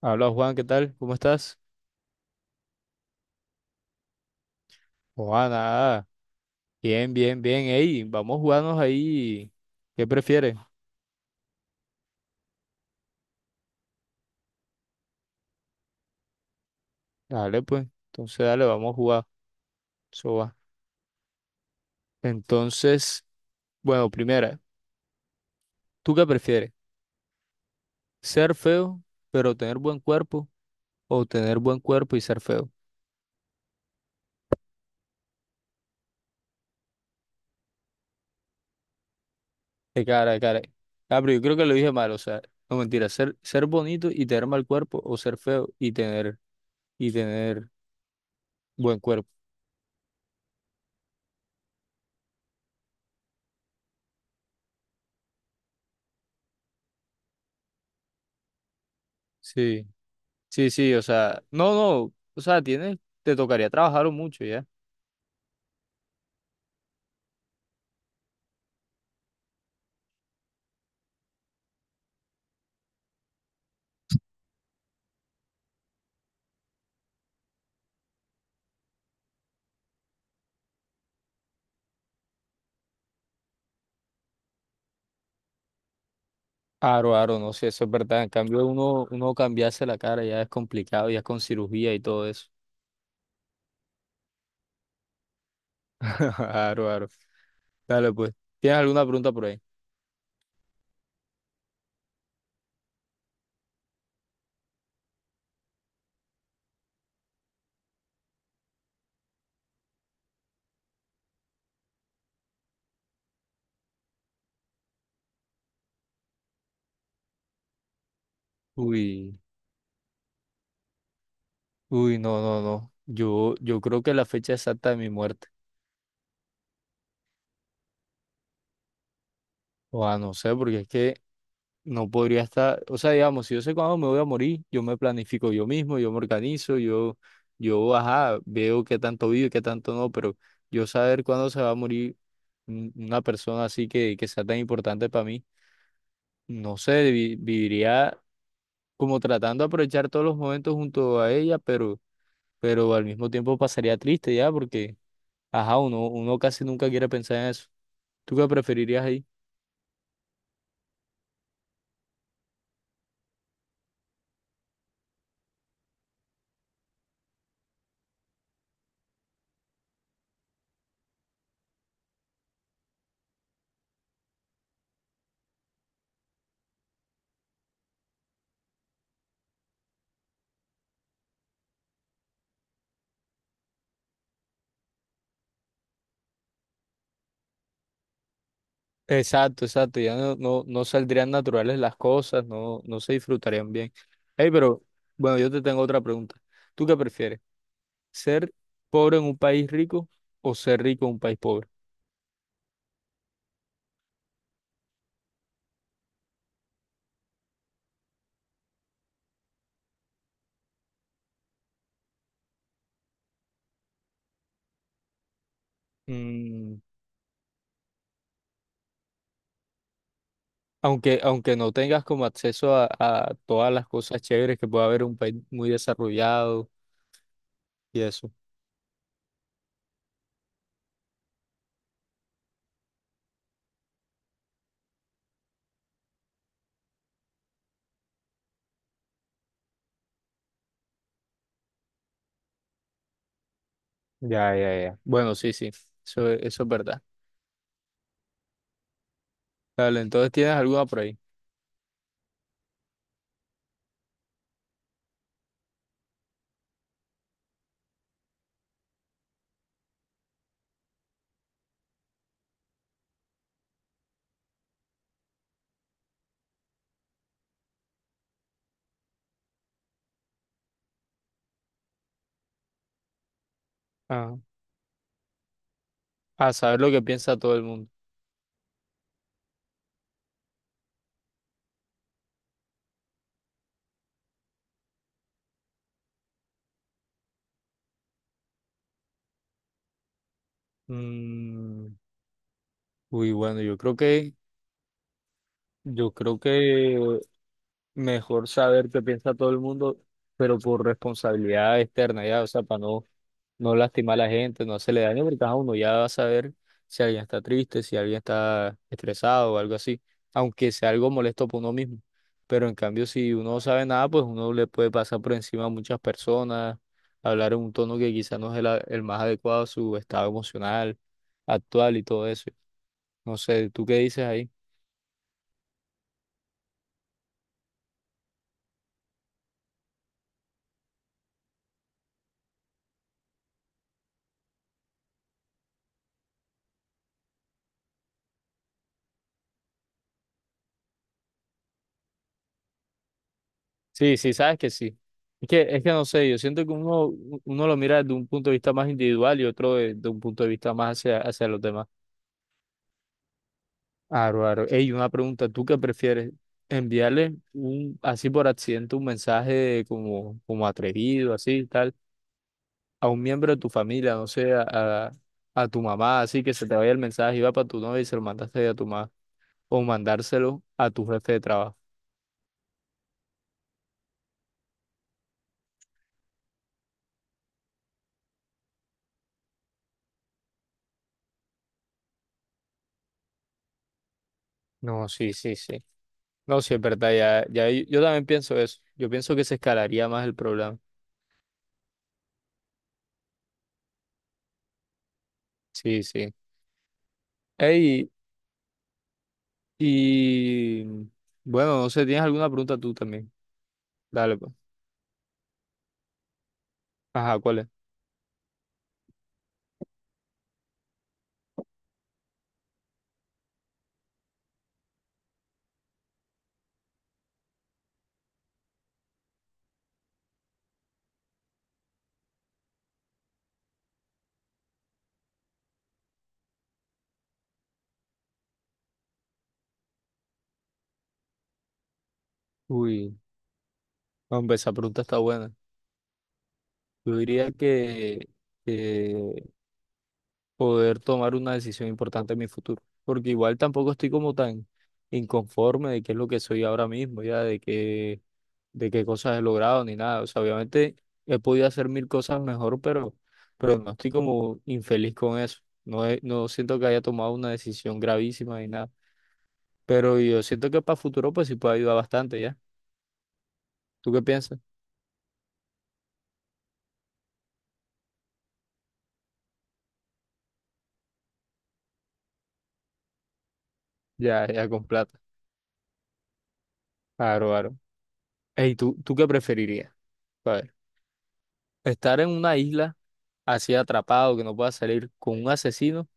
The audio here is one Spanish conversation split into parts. Habla Juan, ¿qué tal? ¿Cómo estás? Juan, nada. Bien, bien, bien. Ey, vamos a jugarnos ahí. ¿Qué prefieres? Dale, pues. Entonces, dale, vamos a jugar. Eso va. Entonces, bueno, primera, ¿tú qué prefieres? ¿Ser feo, pero tener buen cuerpo? ¿O tener buen cuerpo y ser feo? De cara, de cara. Ah, pero yo creo que lo dije mal, o sea, no mentira. Ser bonito y tener mal cuerpo, o ser feo y tener buen cuerpo. Sí. Sí, sí, o sea, no, no, o sea, tienes, te tocaría trabajar mucho ya. Aro, aro, no sé, eso es verdad. En cambio, uno cambiarse la cara ya es complicado, ya es con cirugía y todo eso. Aro, aro. Dale, pues. ¿Tienes alguna pregunta por ahí? Uy, uy, no, no, no. Yo creo que la fecha exacta de mi muerte. O sea, no sé, porque es que no podría estar, o sea, digamos, si yo sé cuándo me voy a morir, yo me planifico yo mismo, yo me organizo, ajá, veo qué tanto vivo y qué tanto no, pero yo saber cuándo se va a morir. Una persona así que sea tan importante para mí. No sé, viviría como tratando de aprovechar todos los momentos junto a ella, pero al mismo tiempo pasaría triste ya, porque, ajá, uno casi nunca quiere pensar en eso. ¿Tú qué preferirías ahí? Exacto, exacto, ya no, no, no saldrían naturales las cosas, no, no se disfrutarían bien. Hey, pero bueno, yo te tengo otra pregunta. ¿Tú qué prefieres? ¿Ser pobre en un país rico o ser rico en un país pobre? Mm, aunque, aunque no tengas como acceso a todas las cosas chéveres que puede haber en un país muy desarrollado y eso. Bueno, sí, sí, eso, eso es verdad. Dale, entonces tienes alguna por ahí. Ah, a saber lo que piensa todo el mundo. Mm, uy, bueno, yo creo que mejor saber qué piensa todo el mundo, pero por responsabilidad externa, ya, o sea, para no lastima a la gente, no se le daño, porque ajá, uno ya va a saber si alguien está triste, si alguien está estresado o algo así, aunque sea algo molesto para uno mismo. Pero en cambio, si uno no sabe nada, pues uno le puede pasar por encima a muchas personas, hablar en un tono que quizás no es el más adecuado a su estado emocional actual y todo eso. No sé, ¿tú qué dices ahí? Sí, sí, sabes que sí. Es que no sé, yo siento que uno, uno lo mira desde un punto de vista más individual y otro de un punto de vista más hacia los demás. Aro, aro. Ey, una pregunta, ¿tú qué prefieres? ¿Enviarle un, así por accidente un mensaje como, como atrevido, así, tal, a un miembro de tu familia, no sé, a, a tu mamá, así que se te vaya el mensaje y va para tu novia y se lo mandaste a tu mamá, o mandárselo a tu jefe de trabajo? No, sí, sí, sí. No, sí, es verdad, ya, yo también pienso eso. Yo pienso que se escalaría más el problema. Sí, sí. Ey, y bueno, no sé, ¿tienes alguna pregunta tú también? Dale, pues. Ajá, ¿cuál es? Uy. Hombre, esa pregunta está buena. Yo diría que poder tomar una decisión importante en mi futuro, porque igual tampoco estoy como tan inconforme de qué es lo que soy ahora mismo, ya de qué cosas he logrado ni nada. O sea, obviamente he podido hacer mil cosas mejor, pero no estoy como infeliz con eso. No, no siento que haya tomado una decisión gravísima ni nada, pero yo siento que para futuro pues sí puede ayudar bastante, ¿ya? ¿Tú qué piensas? Ya, ya con plata. Claro, claro. Ey, ¿tú qué preferirías? ¿Estar en una isla así atrapado que no pueda salir con un asesino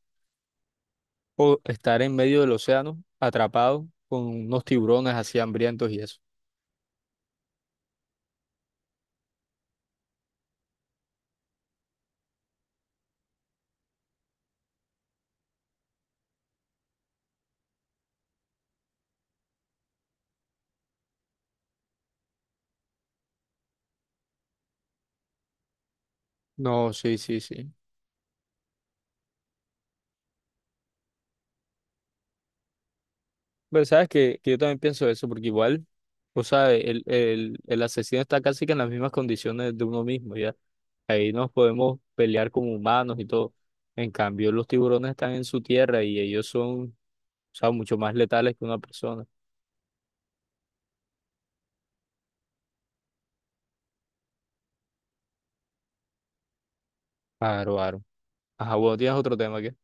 o estar en medio del océano atrapado con unos tiburones así hambrientos y eso? No, sí, sí, sí. Pero sabes que yo también pienso eso porque igual, o sea, el asesino está casi que en las mismas condiciones de uno mismo, ¿ya? Ahí nos podemos pelear como humanos y todo. En cambio, los tiburones están en su tierra y ellos son, o sea, mucho más letales que una persona. Claro, claro. Ajá, bueno, tienes otro tema que...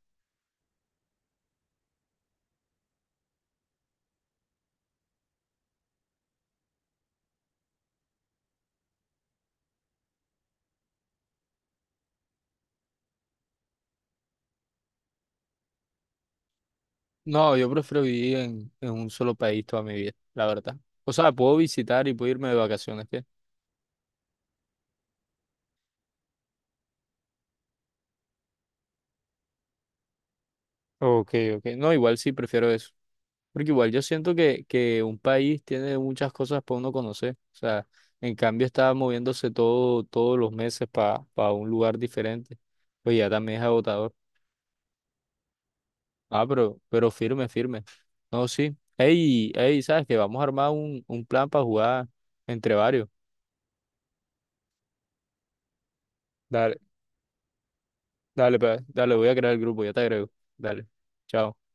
No, yo prefiero vivir en un solo país toda mi vida, la verdad. O sea, puedo visitar y puedo irme de vacaciones, ¿qué? Ok, ok. No, igual sí prefiero eso. Porque igual yo siento que un país tiene muchas cosas para uno conocer. O sea, en cambio está moviéndose todos los meses para un lugar diferente. Pues ya también es agotador. Ah, pero firme, firme. No, sí. Ey, ey, ¿sabes qué? Vamos a armar un plan para jugar entre varios. Dale, dale, dale, voy a crear el grupo, ya te agrego. Dale. Chao.